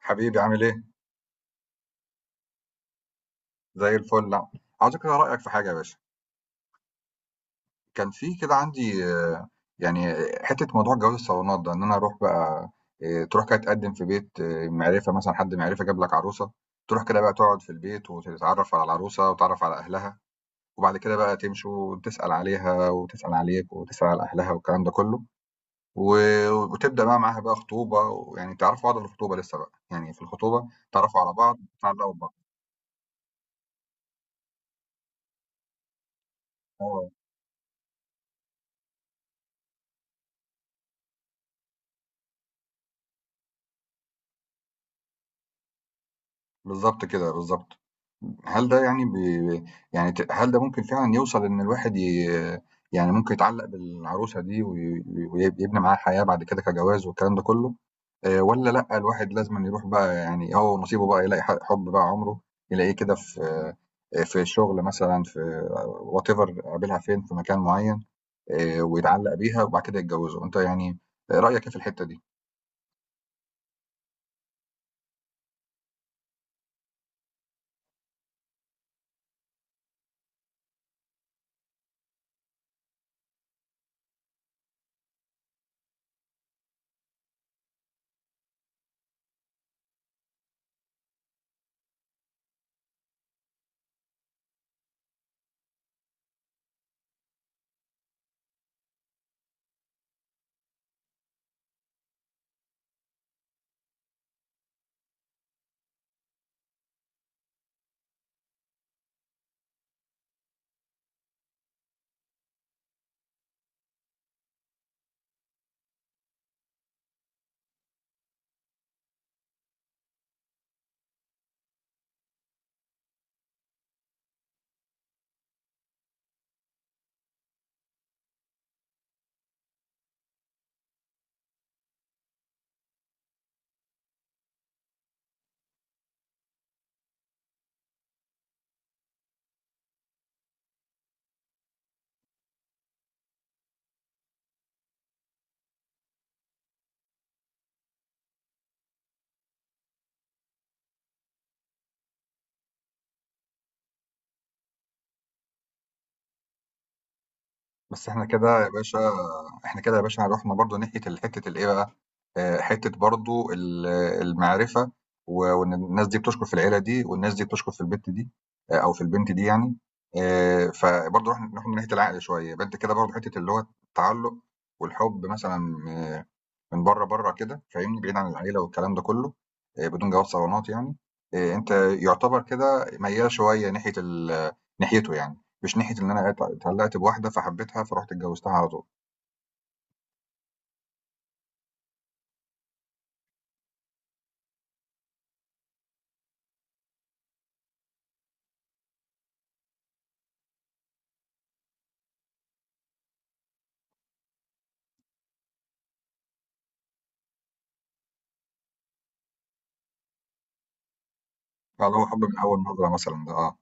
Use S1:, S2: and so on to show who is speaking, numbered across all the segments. S1: حبيبي عامل ايه؟ زي الفل. لا عاوز كده رأيك في حاجة يا باشا. كان في كده عندي يعني حتة موضوع جواز الصالونات ده ان انا اروح بقى. تروح كده تقدم في بيت معرفة، مثلا حد معرفة جاب لك عروسة. تروح كده بقى تقعد في البيت وتتعرف على العروسة وتتعرف على اهلها، وبعد كده بقى تمشوا وتسأل عليها وتسأل عليك وتسأل على اهلها والكلام ده كله، وتبدأ بقى معاها بقى خطوبة. يعني تعرفوا بعض في الخطوبة، لسه بقى يعني في الخطوبة تعرفوا على بعض. اه بالظبط كده، بالظبط. هل ده يعني بي يعني ت هل ده ممكن فعلًا يوصل إن الواحد ي يعني ممكن يتعلّق بالعروسة دي وي ويب يبني معاها حياة بعد كده كجواز والكلام ده كله، والّا لأ الواحد لازمًا يروح بقى، يعني هو ونصيبه بقى يلاقي حُب بقى عُمره، يلاقيه كده في، في الشغل مثلًا، في whatever، قابلها فين، في مكان معيّن، ويتعلّق بيها وبعد كده يتجوّزوا. أنت يعني رأيك إيه في الحتّة دي؟ بس إحنا كده يا باشا، رُحنا برضه ناحية ال حتة الإيه بقى، حتة برضه ال المعرفة، وإن الناس دي بتشكر في العيلة دي والناس دي بتشكر في البت دي، أو في البنت دي يعني. فبرضه رُحنا ناحية العقل شوية، يبقى أنت كده برضه حتة اللي هو التعلُّق والحُب مثلًا من بره كده، فاهمني، بعيد عن العيله والكلام ده كله، بدون جواز صالونات يعني. انت يعتبر كده ميال شويه ناحيه ناحيته يعني، مش ناحيه ان انا اتعلقت بواحده فحبيتها فرحت اتجوزتها على طول. فاللي هو حب من اول نظره مثلا ده، اه.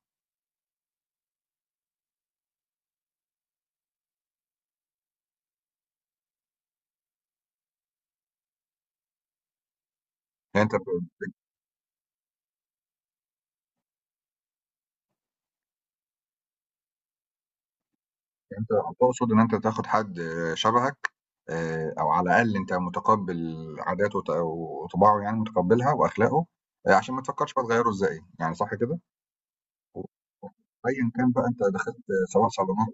S1: يعني انت، انت تقصد ان انت تاخد حد شبهك، او على الاقل انت متقبل عاداته وطباعه، يعني متقبلها واخلاقه، عشان ما تفكرش بقى تغيره ازاي يعني، صح كده. وايا كان بقى انت دخلت سواء صالونات،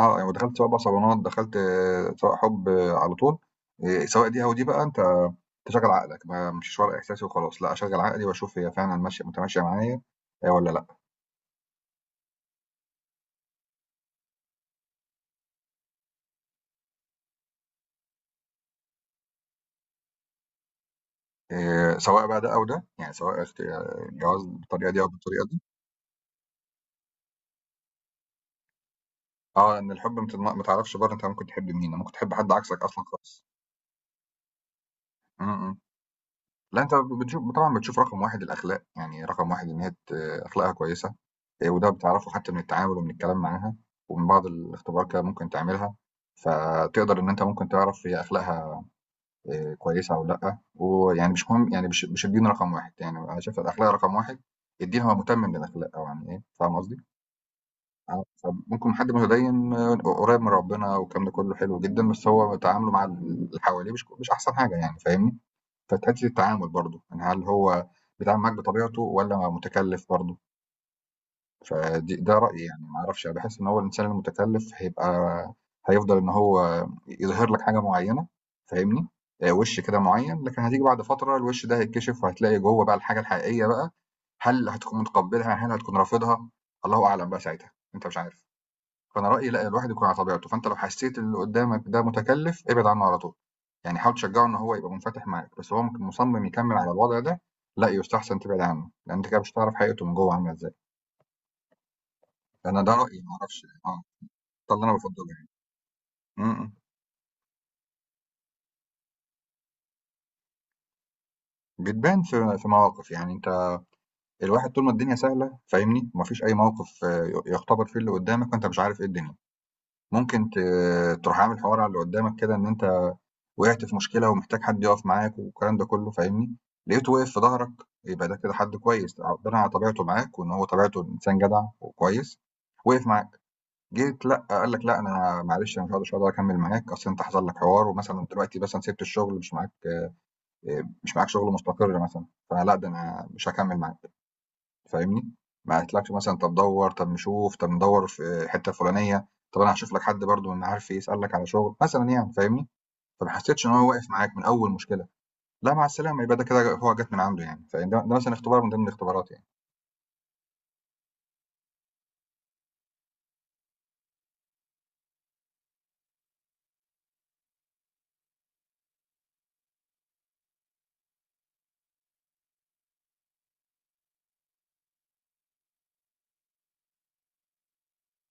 S1: يعني ودخلت سواء بقى صالونات، دخلت سواء حُب على طول، سواء دي أو دي بقى أنت تشغّل عقلك، ما أمشيش ورا إحساسي وخلاص، لأ أشغّل عقلي وأشوف هي فعلًا ماشية متماشية معايا والّا لأ. سواء بقى ده أو ده، يعني سواء اخت آه، الجواز بالطريقة دي أو بالطريقة دي. لإن الحُب ما تضم ما تعرفش برّه، أنت ممكن تحب مين، ممكن تحب حد عكسك أصلًا خالص. إمم، إمم. لأ أنت بتشوف طبعًا، بتشوف رقم 1 الأخلاق، يعني رقم 1 إن هي ت أخلاقها كويسة، وده بتعرفه حتى من التعامل ومن الكلام معاها، ومن بعض الاختبارات كده ممكن تعملها، فتقدر إن أنت ممكن تعرف هي أخلاقها كويسة أو لأ. ويعني مش مهم يعني مش الدين رقم 1، يعني أنا شايف الأخلاق رقم 1، الدين هو مُتمم للأخلاق، أو يعني إيه، فاهم قصدي؟ فممكن حد متدين قريب من ربنا والكلام ده كله حلو جدًا، بس هو تعامله مع اللي حواليه مش أحسن حاجة يعني، فاهمني؟ فتأدي التعامل برضه، يعني هل هو بيتعامل معاك بطبيعته ولا متكلف برضه. فدي ده رأيي يعني، ما اعرفش، أنا بحس ان هو الانسان المتكلف هيبقى، هيفضل ان هو يظهر لك حاجة معينة، فاهمني. وش كده معين لكن هتيجي بعد فترة الوش ده هيتكشف وهتلاقي جوه بقى الحاجة الحقيقية بقى، هل هتكون متقبلها هل هتكون رافضها، الله اعلم بقى ساعتها، انت مش عارف. فانا رايي لا الواحد يكون على طبيعته، فانت لو حسيت ان اللي قدامك ده متكلف ابعد عنه على طول. يعني حاول تشجعه ان هو يبقى منفتح معاك، بس هو ممكن مصمم يكمل على الوضع ده، لا يستحسن تبعد عنه، لان انت كده مش هتعرف حقيقته من جوه عامله ازاي. انا ده رايي، ما اعرفش، اه، ده اللي انا بفضله يعني. م- م. بتبان في في مواقف يعني. انت الواحد طول ما الدنيا سهله، فاهمني، ومفيش اي موقف يختبر فيه اللي قدامك، وانت مش عارف ايه الدنيا. ممكن تروح عامل حوار على اللي قدامك كده ان انت وقعت في مشكلة ومحتاج حد يقف معاك والكلام ده كله، فاهمني. لقيته واقف في ظهرك، يبقى ده كده حد كويس، ربنا على طبيعته معاك، وان هو طبيعته انسان جدع وكويس، وقف معاك. جيت لا قال لك لا انا معلش، انا مش هقدر اكمل معاك، اصل انت حصل لك حوار ومثلا دلوقتي مثلا سبت الشغل، مش معاك، مش معاك شغل مستقر مثلا، فلا ده انا مش هكمل معاك، فاهمني. ما قالتلكش مثلا طب دور، طب نشوف، طب ندور في الحته الفلانيه، طب انا هشوف لك حد برضو من معارفي يسالك على شغل مثلا يعني، فاهمني. فما حسيتش ان هو واقف معاك من اول مشكله، لا مع السلامة، يبقى ده كده هو جات من عنده يعني، فده ده مثلًا اختبار من ضمن الاختبارات يعني.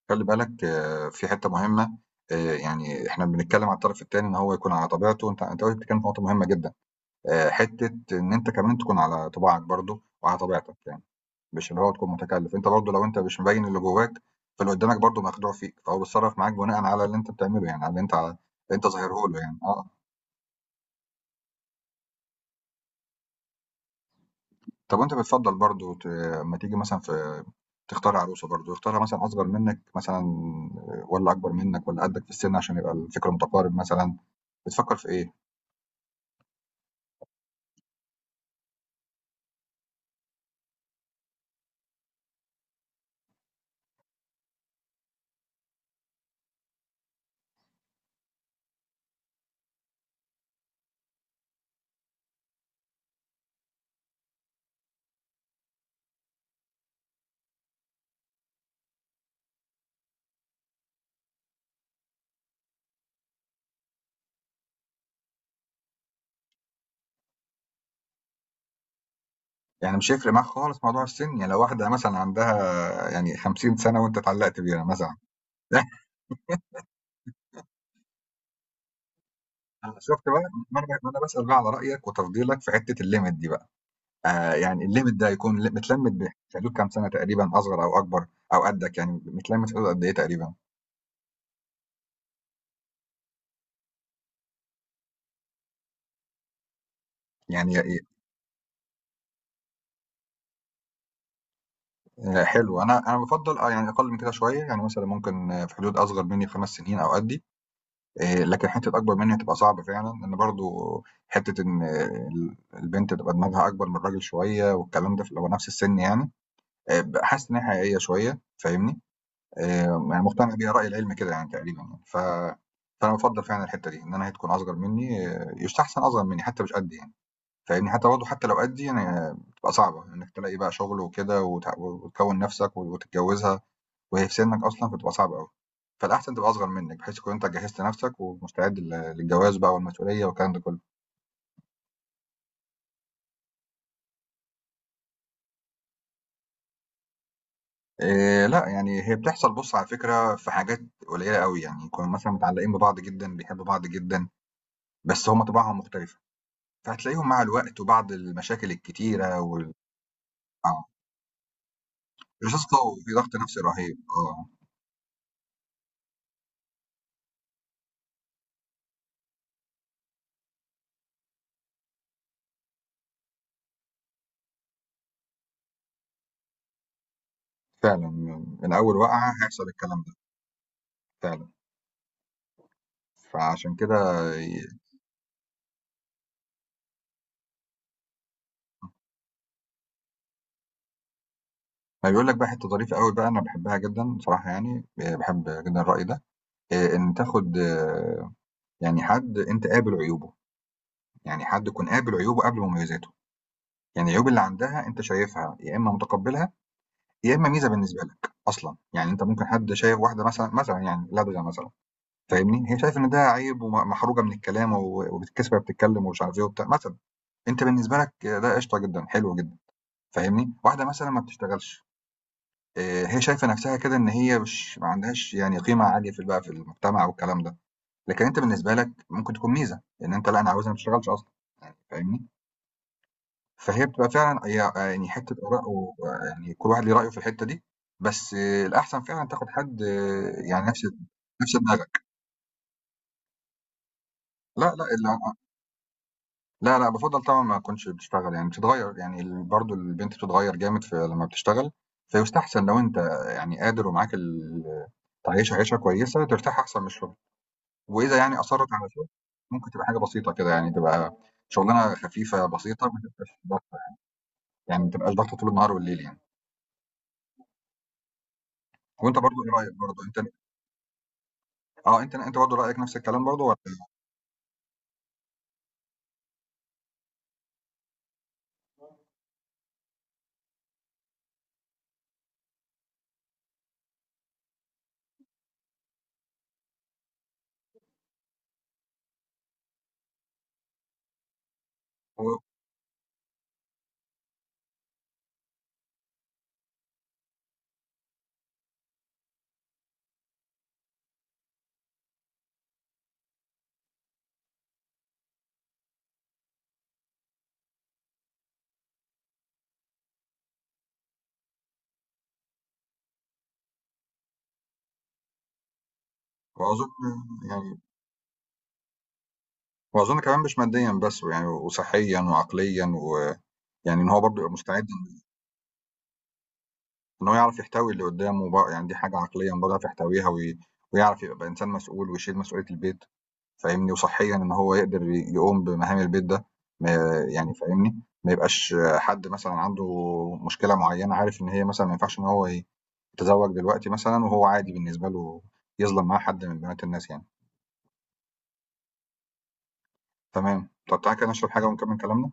S1: خلّي بالك في حتّة مهمة، يعني إحنا بنتكلّم عن الطرف التاني إن هو يكون على طبيعته، وأنت وارد بتتكلّم في نقطة مهمة جدًا، حتّة إن أنت كمان تكون على طباعك برضه وعلى طبيعتك يعني، مش اللي هو تكون متكلّف. أنت برضه لو أنت مش مبيّن اللي جواك، فاللي قدّامك برضه مخدوع فيك، فهو بيتصرّف معاك بناءً على اللي أنت بتعمله يعني، على اللي أنت ظاهره له يعني، آه. طَب وأنت بتفضّل برضه أمّا تيجي مثلًا في تختار عروسة برضه، يختارها مثلًا أصغر منّك مثلًا والّا أكبر منّك والّا قدّك في السِن عشان يبقى الفِكر متقارب مثلًا، بتفكّر في إيه؟ يعني مش هيفرق معاك خالص موضوع السِن، يعني لو واحدة مثلًا عندها يعني 50 سَنة وأنت اتعلّقت بيها مثلًا أنا شُفت بقى؟ ما أنا باسأل بقى على رأيك وتفضيلك في حتّة الlimit دي بقى، يعني الlimit ده هيكون متلمّت في حدود كام سَنة تقريبًا أصغر أو أكبر، أو قدّك يعني متلمّت في حدود قد إيه تقريبًا؟ يعني ي حلو، أنا بافضّل يعني أقل من كده شوية، يعني مثلًا ممكن في حدود أصغر منّي ب5 سنين أو قدّي. لكن حته اكبر مني هتبقى صعبه فعلا، لان برضو حته ان البنت تبقى دماغها اكبر من الراجل شويه والكلام ده لو نفس السن يعني، حاسس ان هي حقيقيه شويه، فاهمني، آه، يعني مقتنع بيها راي العلم كده يعني تقريبا يعني. فانا بفضل فعلا الحته دي، ان انا هي تكون اصغر مني يستحسن اصغر مني حتى مش قدي يعني، فاهمني، حتى برضه حتى لو قدي يعني بتبقى صعبه انك تلاقي بقى شغل وكده وتكون نفسك وتتجوزها وهي في سنك أصلًا فتبقى صعبة أوي. فالأحسن تبقى أصغر منك بحيث تكون أنت جهّزت نَفْسك ومستعد لل للجواز بقى والمسؤولية والكلام ده كُلّه. لأ، يعني هي بتحصل، بُص على فكرة، في حاجات قليّلة أوي، يعني يكونوا مثلًا متعلّقين ببعض جدًا، بيحبّوا بعض جدًا، بس هم طباعهم مختلفة، فهتلاقيهم مع الوقت وبعد المشاكل الكتيرة وال، آه. الرصاص قوي وفي ضغط نَفْسي رهيب، آه. فعلًا، من أول وقعة هيحصل الكلام ده، فعلًا. فعشان كده ي ما بيقول لك بقى حتّة ظريفة أوي بقى، أنا باحبّها جدًا بصراحة يعني، باحب جدًا الرأي ده، إن تاخُد يعني حد أنت قابل عيوبه، يعني حد تكون قابل عيوبه قبل مميزاته، يعني العيوب اللي عندها أنت شايفها يا إمّا متقبّلها، يا إمّا ميزة بالنسبة لك أصلًا. يعني أنت ممكن حد شايف واحدة مثلًا يعني لدغة مثلًا، فاهمني، هي شايفة إن ده عيب ومحروجة من الكلام وبتتكسف وهي بتتكلّم ومش عارف إيه وبتاع مثلًا، أنت بالنسبة لك ده قشطة جدًا، حلو جدًا، فاهمني. واحدة مثلًا ما بتشتغلش، هي شايفة نَفْسها كده إن هي مش ما عندهاش يعني قيمة عالية في ال بقى في المجتمع والكلام ده. لكن أنت بالنسبة لك ممكن تكون ميزة، لإن أنت لأ، أنا عاوزها ما تشتغلش أصلًا، فاهمني؟ فهي بتبقى فعلًا، هي يعني حتة آراء ويعني كل واحد ليه رأيه في الحتة دي. بس الأحسن فعلًا تاخد حد يعني نفس دماغك. لأ، لأ، ال لأ، لأ، بافضّل طبعًا ما أكونش بتشتغل، يعني بتتغيّر، يعني ال برضه البنت بتتغيّر جامد في لمّا بتشتغل، فيُستحسن لو أنت يعني قادر ومعاك ال تعيّشها عيشة كويسة ترتاح أحسن من الشغل. وإذا يعني أصرّت على شغل ممكن تبقى حاجة بسيطة كده، يعني تبقى شغلانة خفيفة بسيطة ما تبقاش ضغط. يعني ما تبقاش ضغطه طول النهار والليل يعني. وانت برضو ايه رايك برضو انت، اه انت، برضو رايك نفس الكلام برضو ولا. و- واظن يعني، واظن كمان مش ماديا بس يعني، وصحيا وعقليا ويعني، ان هو برضو يبقى مستعد، ان هو يعرف يحتوي اللي قدامه بقى يعني، دي حاجه عقليا برضو يعرف يحتويها وي، ويعرف يبقى انسان مسؤول ويشيل مسؤوليه البيت، فاهمني. وصحيا ان هو يقدر يقوم بمهام البيت ده، ما يعني فاهمني، ما يبقاش حد مثلا عنده مشكله معينه، عارف ان هي مثلا ما ينفعش ان هو ي، تزوج دلوقتي مثلًا وهو عادي بالنسبة له، يظلم معاه حد من بنات الناس يعني. تمام، تقطّعي كده نشرب حاجة ونكمّل كلامنا؟